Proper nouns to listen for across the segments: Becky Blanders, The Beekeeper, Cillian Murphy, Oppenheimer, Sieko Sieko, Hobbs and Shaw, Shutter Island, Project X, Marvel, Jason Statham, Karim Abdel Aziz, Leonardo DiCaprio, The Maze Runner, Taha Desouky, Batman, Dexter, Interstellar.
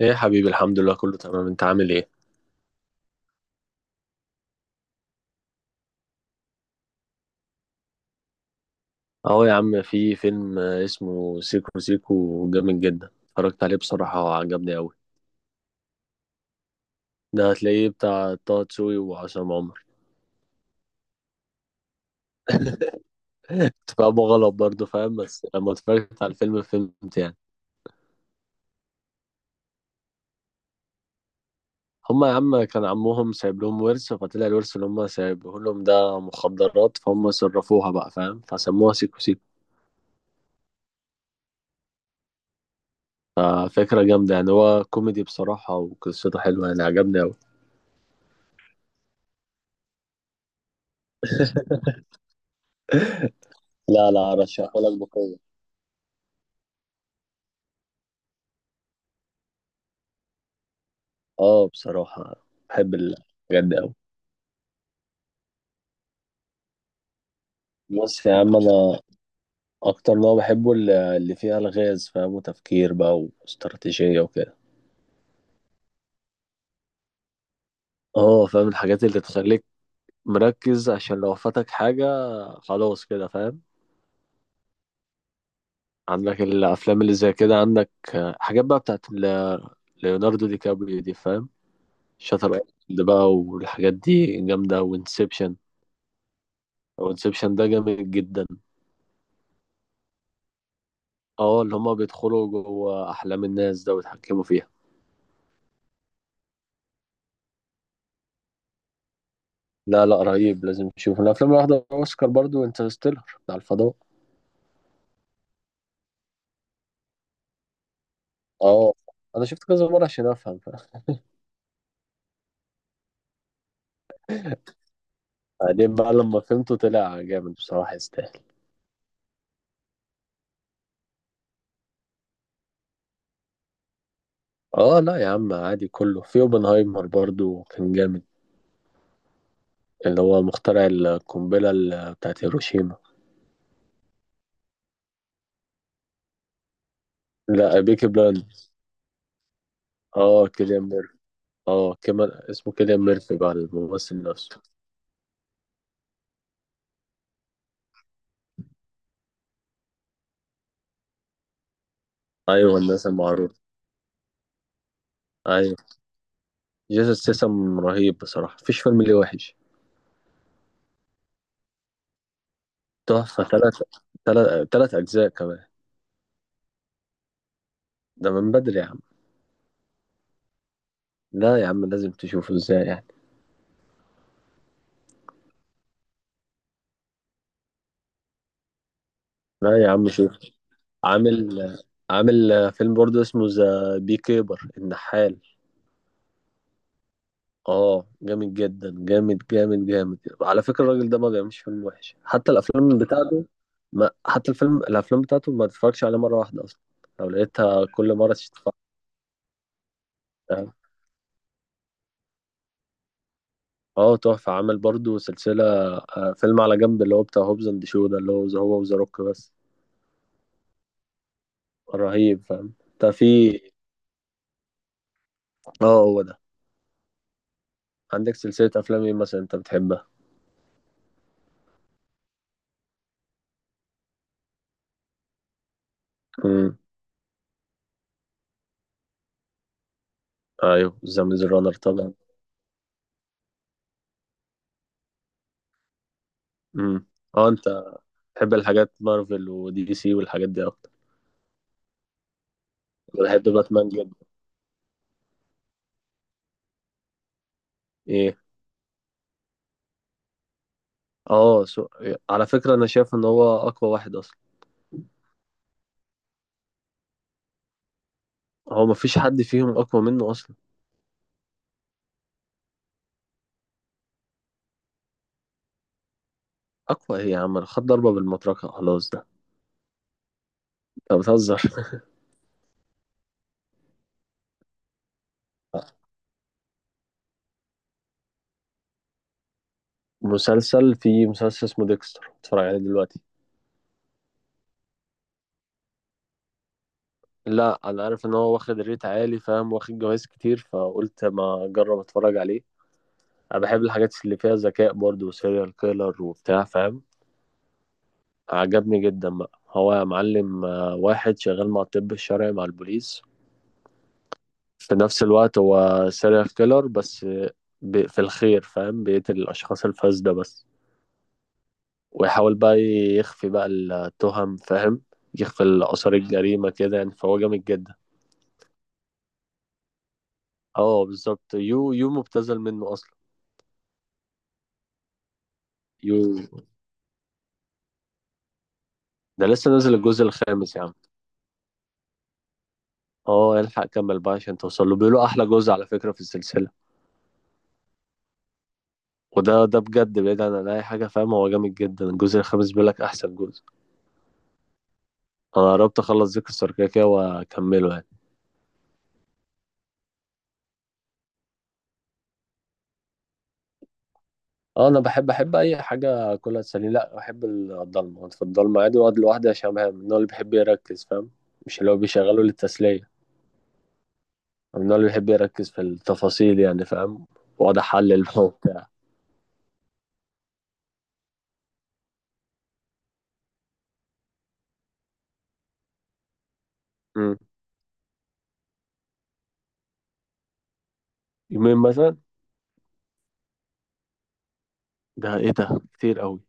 ايه يا حبيبي، الحمد لله، كله تمام. انت عامل ايه؟ اهو يا عم، في فيلم اسمه سيكو سيكو جامد جدا، اتفرجت عليه بصراحة وعجبني قوي. ده هتلاقيه بتاع طه دسوقي وعصام عمر. اتفاقهم غلط برضه، فاهم؟ بس لما اتفرجت على الفيلم فهمت يعني. هما يا عم كان عمهم سايب لهم ورث، فطلع الورث اللي هما سايبه لهم ده مخدرات، فهم صرفوها بقى، فاهم؟ فسموها سيكو سيكو. ففكرة جامدة يعني، هو كوميدي بصراحة وقصته حلوة، يعني عجبني أوي. لا لا، أرشحهولك بقوة. اه، بصراحة بحب الحاجات دي أوي. بص يا عم، أنا أكتر نوع بحبه اللي فيها ألغاز، فاهم؟ وتفكير بقى واستراتيجية وكده. اه فاهم، الحاجات اللي تخليك مركز عشان لو فاتك حاجة، خلاص كده، فاهم. عندك الأفلام اللي زي كده، عندك حاجات بقى بتاعت ليوناردو دي كابريو دي، فاهم. شاتر ايلاند بقى والحاجات دي جامدة، وانسبشن. وانسبشن ده جامد جدا. اه، اللي هما بيدخلوا جوه أحلام الناس ده ويتحكموا فيها. لا لا، رهيب، لازم تشوف. من الافلام اللي واخده اوسكار برضو انترستيلر بتاع الفضاء. اه، انا شفت كذا مره عشان افهم، فاهم. بعدين بقى لما فهمته طلع جامد بصراحه، يستاهل. اه لا يا عم، عادي كله. في اوبنهايمر برضو كان جامد، اللي هو مخترع القنبله بتاعت هيروشيما. لا، بيكي بلاند. اه، كيليان ميرفي. اه، كمان اسمه كيليان ميرفي بقى، الممثل نفسه. ايوه، الناس المعروفه. ايوه. جيسون سيسم رهيب بصراحه، مفيش فيلم ليه وحش. تحفه. ثلاث، ثلاث 3 أجزاء كمان. ده من بدري يا عم. لا يا عم، لازم تشوفه، ازاي يعني. لا يا عم، شوف. عامل عامل فيلم برضه اسمه ذا بي كيبر النحال. اه، جامد جدا، جامد جامد جامد. على فكرة الراجل ده ما بيعملش فيلم وحش، حتى الافلام بتاعته، ما حتى الافلام بتاعته ما تتفرجش عليها مرة واحدة اصلا، لو لقيتها كل مرة تتفرج. اه تحفة، عامل برضه سلسلة، فيلم على جنب اللي هو بتاع هوبز اند شو، ده اللي هو وذا روك بس. رهيب، فاهم. ده في اه، هو ده. عندك سلسلة أفلام إيه مثلا أنت بتحبها؟ امم. أيوه، ذا ميز رانر طبعا. امم. أه، أنت بتحب الحاجات مارفل ودي سي والحاجات دي أكتر. أنا بحب باتمان جدا. إيه؟ أه سو... على فكرة أنا شايف إن هو أقوى واحد أصلا. هو مفيش حد فيهم أقوى منه أصلا. أقوى إيه يا عم؟ أنا خد ضربة بالمطرقة خلاص ده. أنت بتهزر. في مسلسل اسمه ديكستر، بتفرج عليه دلوقتي. لا، انا عارف ان هو واخد ريت عالي، فاهم؟ واخد جوائز كتير فقلت ما اجرب اتفرج عليه. انا بحب الحاجات اللي فيها ذكاء برضو، وسيريال كيلر وبتاع، فاهم. عجبني جدا بقى، هو يا معلم واحد شغال مع الطب الشرعي مع البوليس في نفس الوقت، هو سيريال كيلر بس، في الخير، فاهم؟ بيقتل الاشخاص الفاسدة بس، ويحاول بقى يخفي بقى التهم، فاهم، يخفي اثار الجريمة كده يعني، فهو جامد جدا. اه بالظبط، يو. يو مبتذل منه اصلا. يو، ده لسه نازل الجزء الخامس يا عم. اه، الحق كمل بقى عشان توصل له، بيقولوا احلى جزء على فكرة في السلسلة. وده بجد بعيد عن اي حاجه، فاهم؟ هو جامد جدا، الجزء الخامس، بيقول لك احسن جزء. انا قربت اخلص ذكر الثركاكية واكمله يعني. اه، انا بحب اي حاجه كلها تسليني. لا بحب الضلمه، أقعد في الضلمه عادي واقعد لوحدي، عشان من النوع اللي بيحب يركز، فاهم. مش اللي هو بيشغله للتسليه. أنا من النوع اللي بيحب يركز في التفاصيل يعني، فاهم، واقعد احلل وبتاع. أمم. يومين مثلا. ده ايه ده؟ كتير قوي.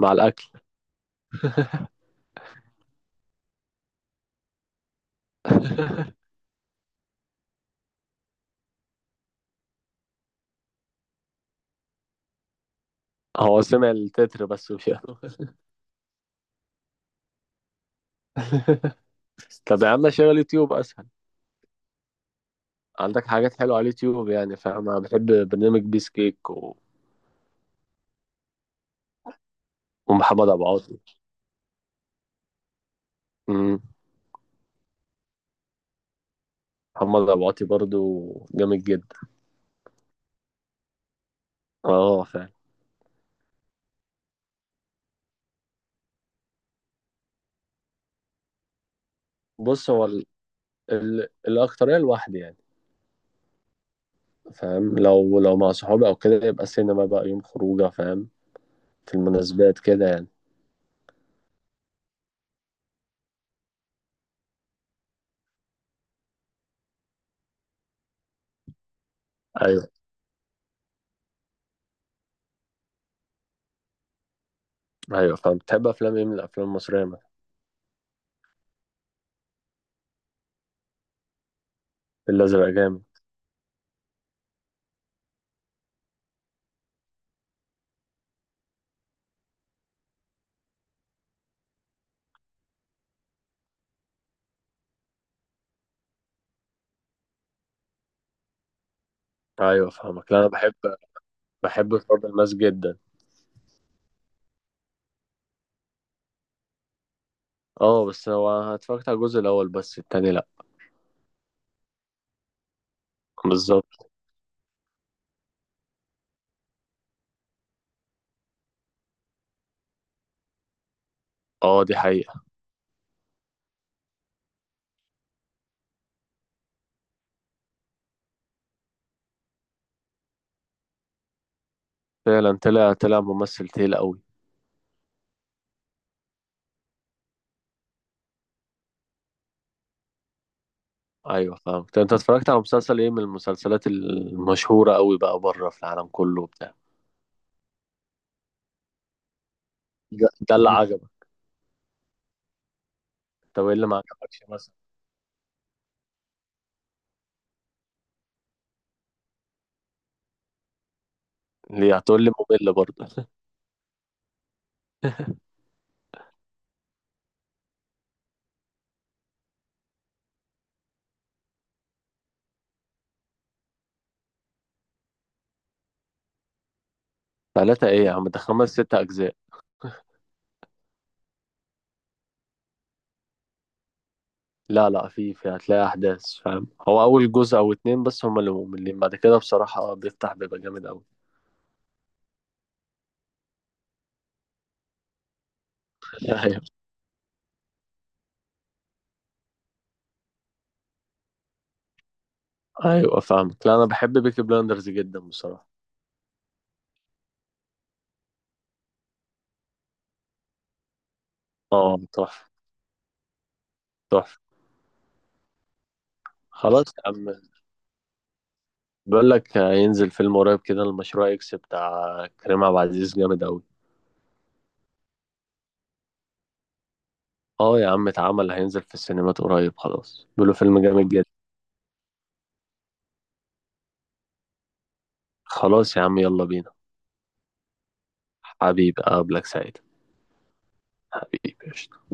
مع الاكل. هو سمع التتر بس وشافه. طب يا عم شغل يوتيوب أسهل. عندك حاجات حلوة على اليوتيوب يعني، فاهم. أنا بحب برنامج بيس كيك ومحمد أبو عاطي. أمم. محمد أبو عاطي برضو جامد جدا. اه، فاهم. بص، هو الأكترية لوحدي يعني، فاهم. لو مع صحابي أو كده يبقى سينما بقى، يوم خروجة، فاهم، في المناسبات كده يعني. أيوه. أيوه فاهم. بتحب أفلام إيه من الأفلام المصرية مثلا؟ الأزرق جامد. أيوه فاهمك. لا أنا بحب، بحب تراب الماس جدا. اه، بس هو أنا اتفرجت على الجزء الأول بس، التاني لأ. بالظبط. اه، دي حقيقة. فعلا طلع ممثل تقيل قوي. ايوه فاهم. طب انت اتفرجت على مسلسل ايه من المسلسلات المشهوره قوي بقى، بره في العالم كله وبتاع؟ ده اللي عجبك؟ طب ايه اللي ما عجبكش مثلا؟ ليه؟ هتقول لي. ممل برضه؟ ثلاثه ايه يا عم؟ ده 5 6 أجزاء. لا لا، في هتلاقي احداث، فاهم، هو اول جزء او 2 بس هما اللي مملين، بعد كده بصراحه بيفتح بيبقى جامد قوي. ايوه، ايوه، فاهمك. لا انا بحب بيكي بلاندرز جدا بصراحه. اه تحفه، تحفه. خلاص يا عم، بيقول لك هينزل فيلم قريب كده، المشروع اكس بتاع كريم عبد العزيز، جامد قوي. اه يا عم، اتعمل، هينزل في السينمات قريب خلاص، بيقولوا فيلم جامد جدا. خلاص يا عم، يلا بينا. حبيبي، اقابلك سعيد. حبيبي، قشطة.